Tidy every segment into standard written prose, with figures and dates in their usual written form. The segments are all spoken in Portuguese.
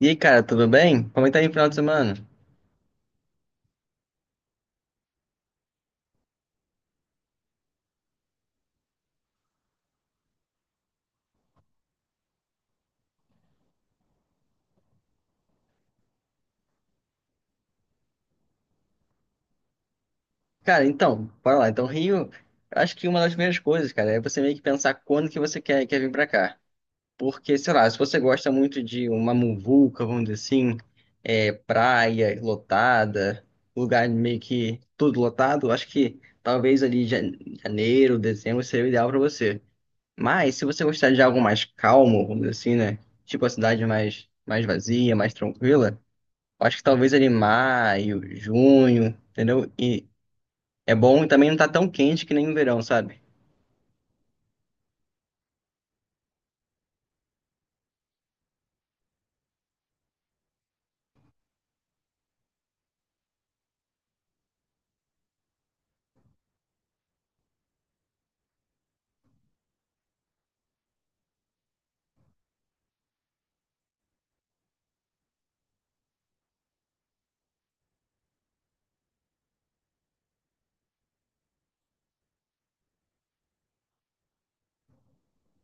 E aí, cara, tudo bem? Como é que tá aí o final de semana? Cara, então, bora lá. Então, Rio, eu acho que uma das primeiras coisas, cara, é você meio que pensar quando que você quer vir pra cá. Porque, sei lá, se você gosta muito de uma muvuca, vamos dizer assim, praia lotada, lugar meio que tudo lotado, eu acho que talvez ali janeiro, dezembro seria o ideal pra você. Mas, se você gostar de algo mais calmo, vamos dizer assim, né? Tipo a cidade mais vazia, mais tranquila. Acho que talvez ali maio, junho, entendeu? E é bom e também não tá tão quente que nem no verão, sabe?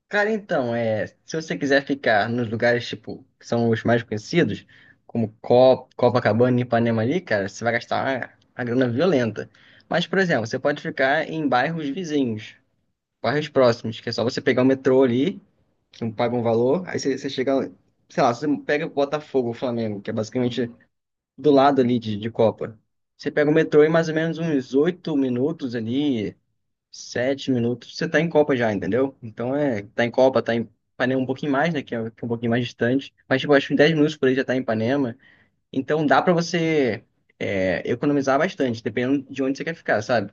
Cara, então, se você quiser ficar nos lugares, tipo, que são os mais conhecidos, como Copacabana e Ipanema ali, cara, você vai gastar uma grana violenta. Mas, por exemplo, você pode ficar em bairros vizinhos, bairros próximos, que é só você pegar o metrô ali, que não paga um valor, aí você chega, sei lá, você pega Botafogo, Flamengo, que é basicamente do lado ali de Copa. Você pega o metrô em mais ou menos uns 8 minutos ali, 7 minutos, você tá em Copa já, entendeu? Então é, tá em Copa, tá em Ipanema um pouquinho mais, né, que é um pouquinho mais distante, mas tipo, acho que em 10 minutos por aí já tá em Ipanema. Então dá pra você economizar bastante, dependendo de onde você quer ficar, sabe?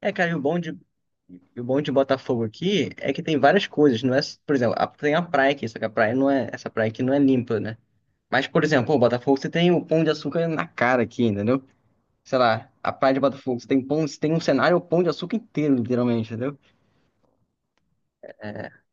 É, cara, e o bom de Botafogo aqui é que tem várias coisas, não é, por exemplo, tem a praia aqui, só que a praia não é, essa praia aqui não é limpa, né? Mas, por exemplo, o Botafogo, você tem o Pão de Açúcar na cara aqui, entendeu? Sei lá, a Praia de Botafogo. Você tem pão, você tem um cenário o Pão de Açúcar inteiro, literalmente, entendeu? É,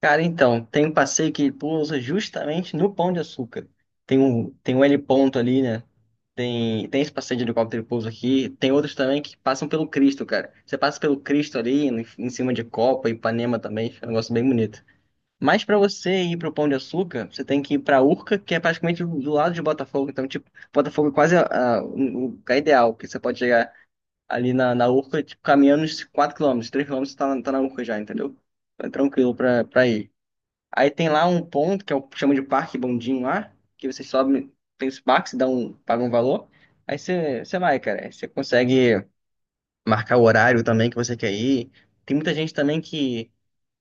cara, então, tem um passeio que pousa justamente no Pão de Açúcar. Tem um heliponto ali, né? Tem esse passeio de helicóptero que pousa aqui. Tem outros também que passam pelo Cristo, cara. Você passa pelo Cristo ali, em cima de Copa, Ipanema também. É um negócio bem bonito. Mas pra você ir pro Pão de Açúcar, você tem que ir pra Urca, que é praticamente do lado de Botafogo. Então, tipo, Botafogo é quase ah, o lugar ideal, que você pode chegar ali na Urca, tipo, caminhando uns 4 km, 3 km tá, tá na Urca já, entendeu? Então é tranquilo pra ir. Aí tem lá um ponto, que é o chama de Parque Bondinho lá, que você sobe, tem os parques, dá um, paga um valor, aí você vai, cara. Aí você consegue marcar o horário também que você quer ir. Tem muita gente também que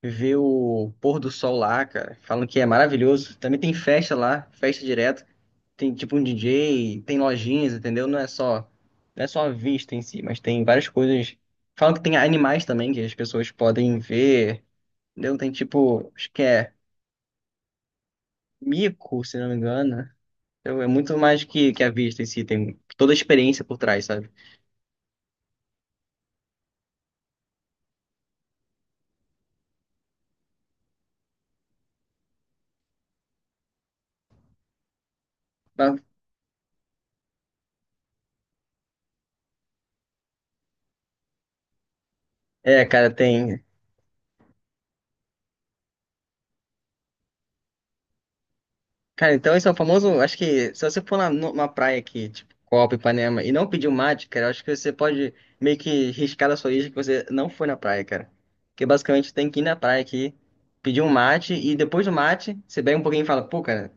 vê o pôr do sol lá, cara. Falam que é maravilhoso. Também tem festa lá, festa direto. Tem tipo um DJ, tem lojinhas, entendeu? Não é só a vista em si, mas tem várias coisas. Falam que tem animais também que as pessoas podem ver, entendeu? Tem tipo, acho que é mico, se não me engano. Então é muito mais que a vista em si, tem toda a experiência por trás, sabe? Mas, É, cara, tem. Cara, então esse é o famoso. Acho que se você for numa praia aqui, tipo Copa, Ipanema, e não pedir um mate, cara, eu acho que você pode meio que riscar da sua lista que você não foi na praia, cara. Porque basicamente tem que ir na praia aqui, pedir um mate, e depois do mate, você bebe um pouquinho e fala, pô, cara,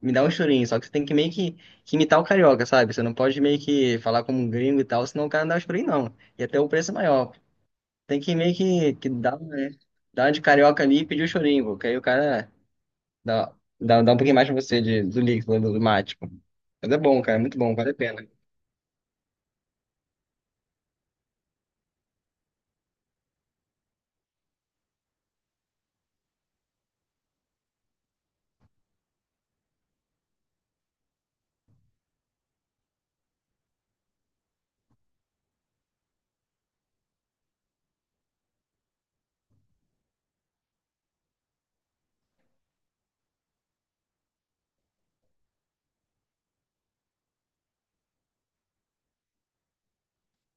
me dá um chorinho. Só que você tem que que imitar o carioca, sabe? Você não pode meio que falar como um gringo e tal, senão o cara não dá o chorinho, não. E até o preço é maior. Tem que que dar, né? Dar uma de carioca ali e pedir o chorinho, porque aí o cara. Dá, dá um pouquinho mais pra você do líquido, do mate. Pô. Mas é bom, cara, é muito bom, vale a pena.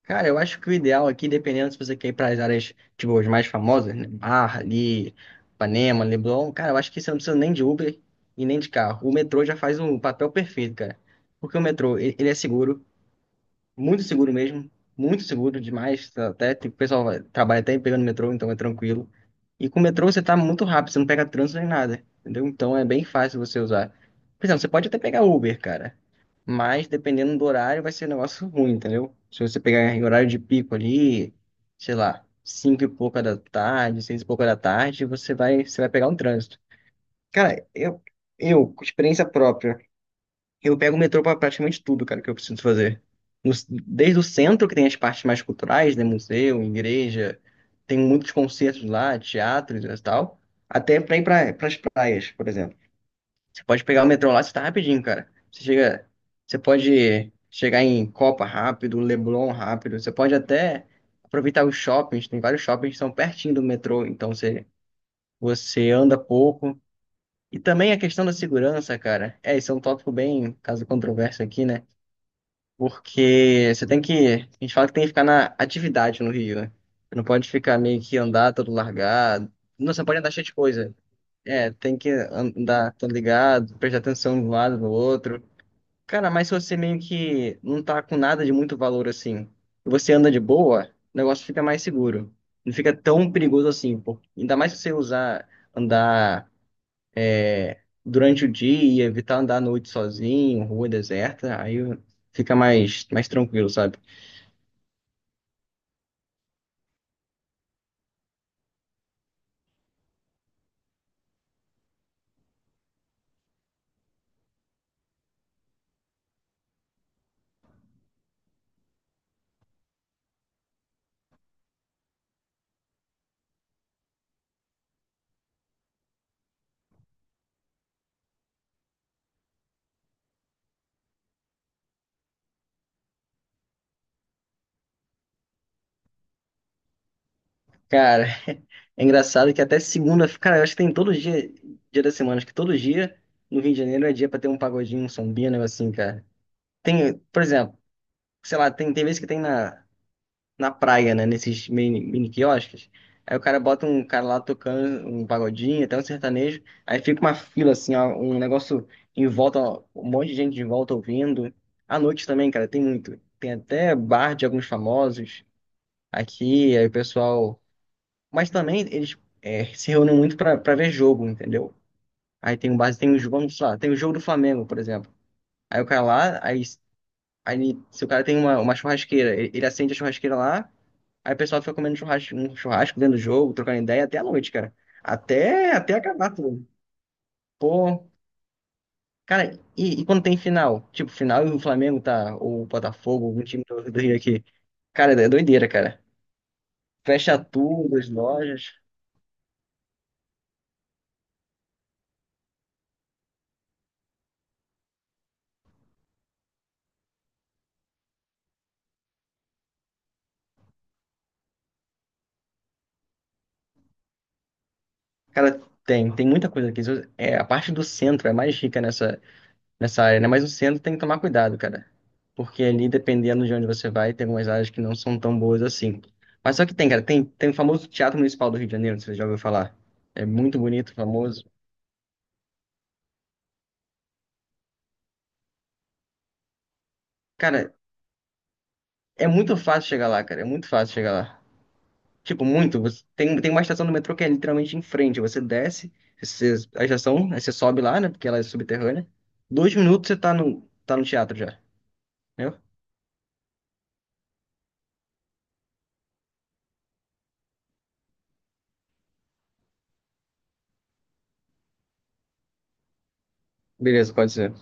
Cara, eu acho que o ideal aqui, dependendo se você quer ir para as áreas, tipo, as mais famosas, né? Barra, ali, Ipanema, Leblon, cara, eu acho que você não precisa nem de Uber e nem de carro. O metrô já faz um papel perfeito, cara. Porque o metrô, ele é seguro, muito seguro mesmo. Muito seguro demais. Tá, até, tipo, o trabalha até pegando metrô, então é tranquilo. E com o metrô você tá muito rápido, você não pega trânsito nem nada. Entendeu? Então é bem fácil você usar. Por exemplo, você pode até pegar Uber, cara. Mas dependendo do horário, vai ser um negócio ruim, entendeu? Se você pegar em horário de pico ali, sei lá, cinco e pouca da tarde, seis e pouca da tarde, você vai pegar um trânsito. Cara, eu, com experiência própria. Eu pego o metrô pra praticamente tudo, cara, que eu preciso fazer. No- desde o centro, que tem as partes mais culturais, né? Museu, igreja, tem muitos concertos lá, teatros e tal, até pra ir pras praias, por exemplo. Você pode pegar o metrô lá, você tá rapidinho, cara. Você chega, você pode chegar em Copa rápido, Leblon rápido, você pode até aproveitar os shoppings, tem vários shoppings que são pertinho do metrô, então você anda pouco. E também a questão da segurança, cara. É, isso é um tópico bem caso controverso aqui, né? Porque você tem que. A gente fala que tem que ficar na atividade no Rio, né? Você não pode ficar meio que andar todo largado. Não, você pode andar cheio de coisa. É, tem que andar todo ligado, prestar atenção de um lado no outro. Cara, mas se você meio que não tá com nada de muito valor assim, e você anda de boa, o negócio fica mais seguro. Não fica tão perigoso assim, pô. Ainda mais se você usar, andar é, durante o dia, evitar andar à noite sozinho, rua deserta, aí fica mais tranquilo, sabe? Cara, é engraçado que até segunda, cara, eu acho que tem todo dia, dia da semana, acho que todo dia no Rio de Janeiro é dia pra ter um pagodinho, um sambinha, um negócio assim, cara. Tem, por exemplo, sei lá, tem vezes que tem na praia, né? Nesses mini quiosques. Aí o cara bota um cara lá tocando um pagodinho, até um sertanejo. Aí fica uma fila, assim, ó, um negócio em volta, ó, um monte de gente em volta ouvindo. À noite também, cara, tem muito. Tem até bar de alguns famosos aqui, aí o pessoal. Mas também eles se reúnem muito pra ver jogo, entendeu? Aí tem um base, tem os, vamos lá, tem o jogo do Flamengo, por exemplo. Aí o cara lá, aí, aí se o cara tem uma churrasqueira, ele acende a churrasqueira lá. Aí o pessoal fica comendo churrasco, um churrasco dentro do jogo, trocando ideia até a noite, cara. Até acabar tudo. Pô, cara, e quando tem final? Tipo, final e o Flamengo tá, ou o Botafogo, algum time do Rio aqui. Cara, é doideira, cara. Fecha tudo, as lojas. Cara, tem muita coisa aqui. É, a parte do centro é mais rica nessa área, né? Mas o centro tem que tomar cuidado, cara. Porque ali, dependendo de onde você vai, tem algumas áreas que não são tão boas assim. Mas só que tem, cara, tem o famoso Teatro Municipal do Rio de Janeiro, você já ouviu falar. É muito bonito, famoso. Cara, é muito fácil chegar lá, cara. É muito fácil chegar lá. Tipo, muito. Você, tem uma estação do metrô que é literalmente em frente. Você desce, você, a estação, aí você sobe lá, né? Porque ela é subterrânea. 2 minutos você tá tá no teatro já. Entendeu? Beleza, pode ser.